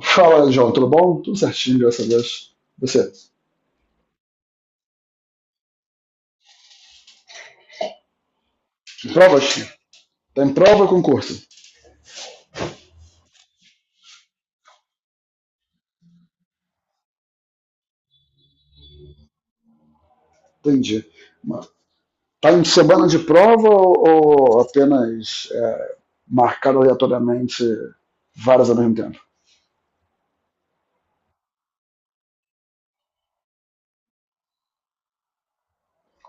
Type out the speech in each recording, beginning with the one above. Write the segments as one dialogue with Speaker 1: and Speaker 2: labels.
Speaker 1: Fala, João, tudo bom? Tudo certinho, graças a Deus. Você? Provas? Tem prova ou concurso? Entendi. Uma- Tá em semana de prova ou apenas marcado aleatoriamente várias ao mesmo tempo?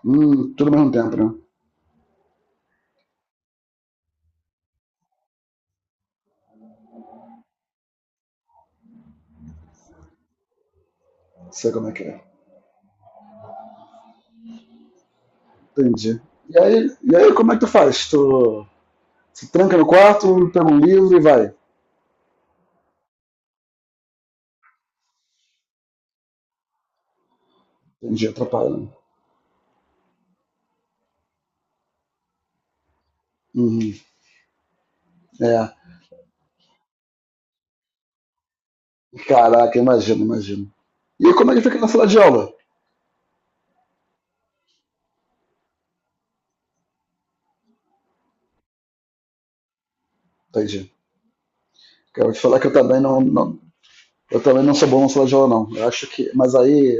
Speaker 1: Tudo ao mesmo tempo, né? Sei como é que é. Entendi. E aí como é que tu faz? Tu se tranca no quarto, pega um livro e vai. Entendi, atrapalha, né? Uhum. É, caraca, imagino, imagino. E como é que fica na sala de aula? Entendi. Eu vou te falar que eu também não, eu também não sou bom na sala de aula, não. Eu acho que... Mas aí,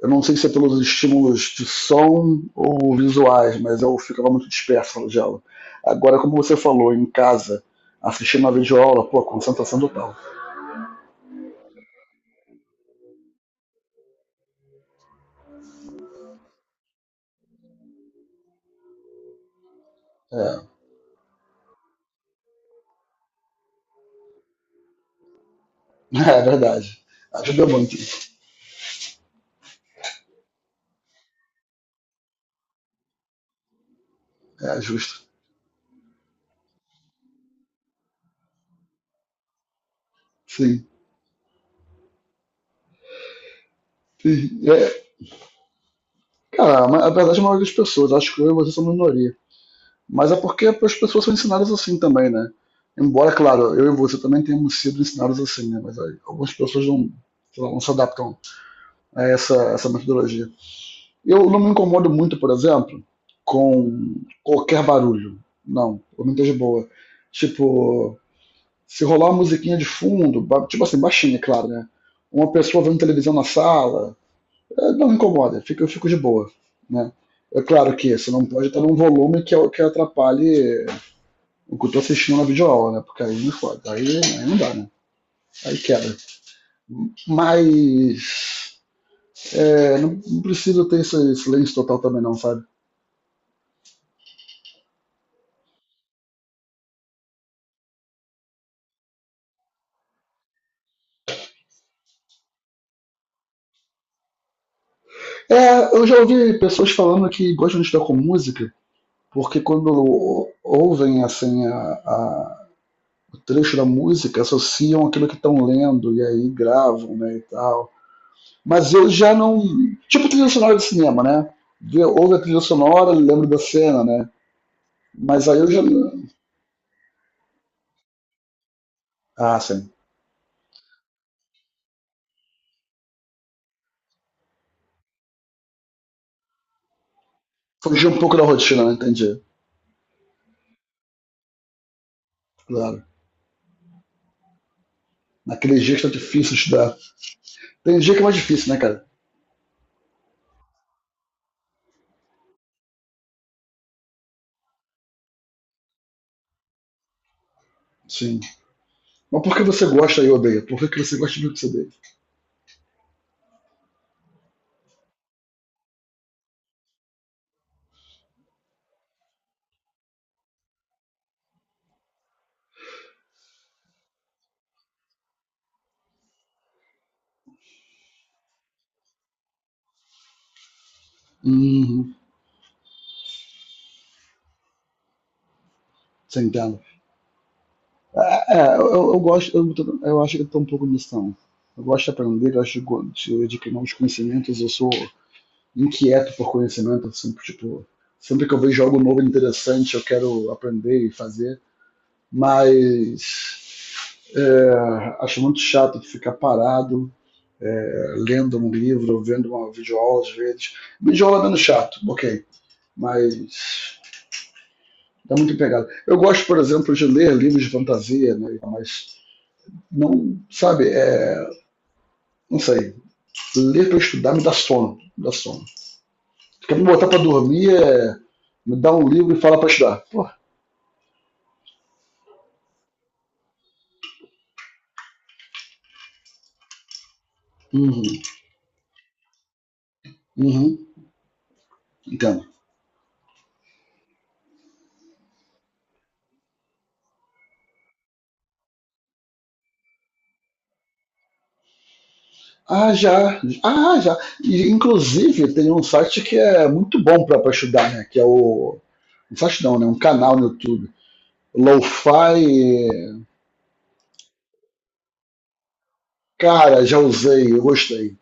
Speaker 1: eu não sei se é pelos estímulos de som ou visuais, mas eu ficava muito disperso na sala de aula. Agora, como você falou, em casa, assistindo uma videoaula, pô, concentração total. É, é verdade. Ajuda muito. É justo. Sim. É, cara, a verdade é a maioria das pessoas, acho que eu e você são minoria. Mas é porque as pessoas são ensinadas assim também, né? Embora, claro, eu e você também tenhamos sido ensinados assim, né? Mas aí, algumas pessoas não, sei lá, não se adaptam a essa metodologia. Eu não me incomodo muito, por exemplo, com qualquer barulho. Não, eu não tô de boa. Tipo, se rolar uma musiquinha de fundo, tipo assim, baixinha, é claro, né? Uma pessoa vendo televisão na sala, não me incomoda, eu fico de boa, né? É claro que você não pode estar num volume que atrapalhe o que eu tô assistindo na videoaula, né? Porque aí me foda, aí não dá, né? Aí quebra. Mas é, não precisa ter esse silêncio total também não, sabe? É, eu já ouvi pessoas falando que gostam de estar com música, porque quando ouvem assim o trecho da música, associam aquilo que estão lendo e aí gravam, né, e tal. Mas eu já não, tipo trilha sonora de cinema, né? Ouve a trilha sonora, lembro da cena, né? Mas aí eu já... ah, sim. Fugir um pouco da rotina, né? Entendi. Claro. Naqueles dias que tá difícil estudar. Tem dia que é mais difícil, né, cara? Sim. Mas por que você gosta e odeia? Por que que você gosta de o que você odeia? Uhum. Você entende? Eu gosto, eu acho que eu tô um pouco nisso também. Eu gosto de aprender, eu acho que... de adquirir novos conhecimentos, eu sou inquieto por conhecimento, eu sempre, tipo, sempre que eu vejo algo novo e interessante, eu quero aprender e fazer, mas é, acho muito chato ficar parado lendo um livro, vendo uma videoaula às vezes. Videoaula é menos chato, ok, mas tá muito empregado. Eu gosto, por exemplo, de ler livros de fantasia, né? Mas não, sabe, não sei, ler para estudar me dá sono, me dá sono. Quer me botar para dormir é me dá um livro e fala para estudar. Pô, uhum, uhum, entendo. Ah, já, ah, já. E, inclusive, tem um site que é muito bom para estudar, né? Que é o... Um site não, né? Um canal no YouTube. Lo-fi. Cara, já usei, eu gostei.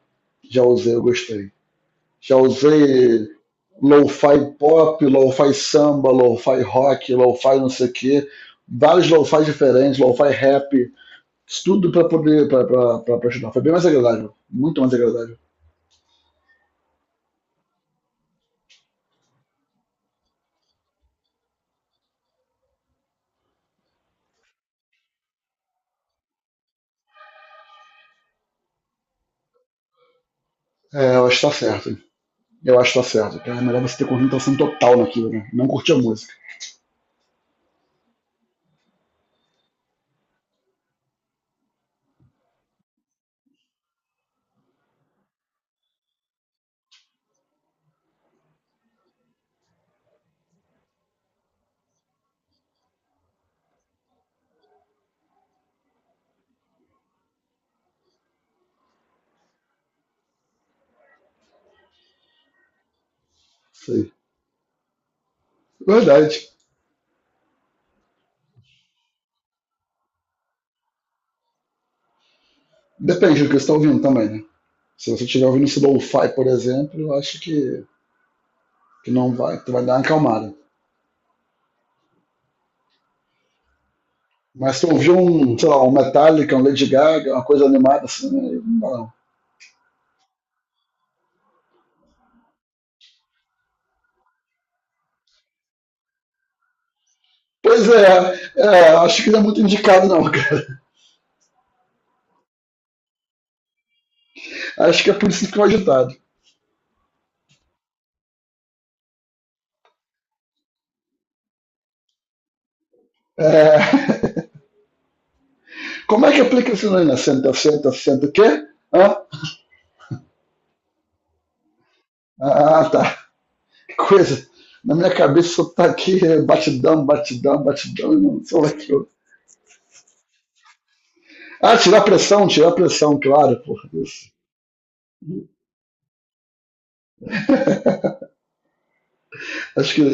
Speaker 1: Já usei, eu gostei. Já usei lo-fi pop, lo-fi samba, lo-fi rock, lo-fi não sei o quê. Vários lo-fi diferentes, lo-fi rap. Isso tudo pra poder pra estudar. Foi bem mais agradável. Muito mais agradável. É, eu acho que tá certo. Eu acho que tá certo. É melhor você ter concentração total naquilo, né? Não curtir a música. Sei. Verdade. Depende do que você tá ouvindo também, né? Se você estiver ouvindo esse lo-fi, por exemplo, eu acho que não vai, tu vai dar uma acalmada. Mas tu ouviu um, sei lá, um Metallica, um Lady Gaga, uma coisa animada assim, né? Não dá não. Pois é, é, acho que não é muito indicado não, cara. Acho que é por isso que ficou agitado. É, como é que aplica isso aí, né? Senta, senta, senta, o quê? Hã? Ah, tá. Que coisa. Na minha cabeça só tá aqui batidão, batidão, batidão, e não sei lá que eu... Ah, tirar pressão, claro, porra. Isso. Acho que é,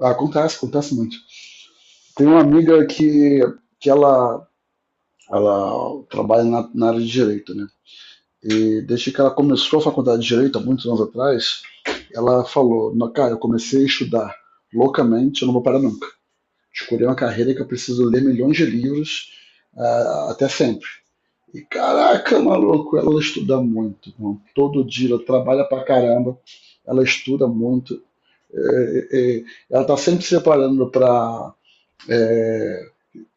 Speaker 1: acontece, acontece muito. Tem uma amiga que ela trabalha na área de direito, né? E desde que ela começou a faculdade de direito, há muitos anos atrás, ela falou: "Não, cara, eu comecei a estudar loucamente, eu não vou parar nunca. Escolhi uma carreira que eu preciso ler milhões de livros, ah, até sempre". E caraca, maluco, ela estuda muito, irmão. Todo dia ela trabalha pra caramba, ela estuda muito. É, é, é, ela tá sempre se preparando pra é,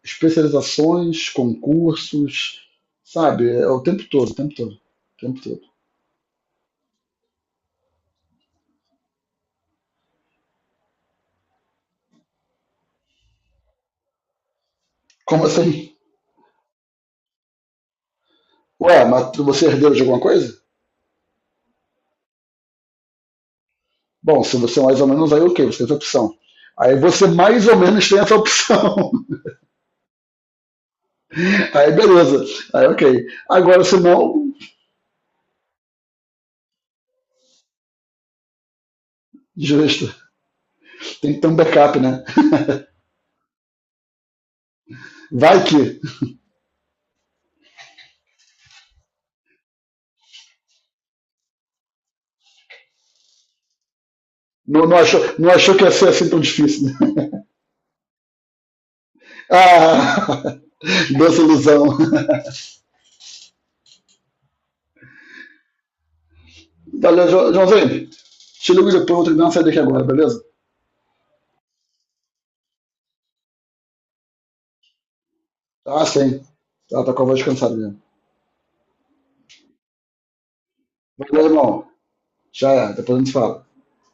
Speaker 1: especializações, concursos, sabe? É o tempo todo, o tempo todo, o tempo todo. Como assim? Ué, você é herdeiro de alguma coisa? Bom, se você é mais ou menos, aí ok, você tem essa opção. Aí você mais ou menos tem essa opção. Aí beleza. Aí ok. Agora, se não, justo. Tem que ter um backup, né? Vai que... Não, não achou, não achou que ia ser assim tão difícil, né? Ah, doce ilusão. Valeu, Joãozinho. Te ligo depois, vou ter que dar uma saída aqui agora, beleza? Tá sim. Ela tá com a voz cansada mesmo. Valeu, irmão. Já é, depois a gente fala.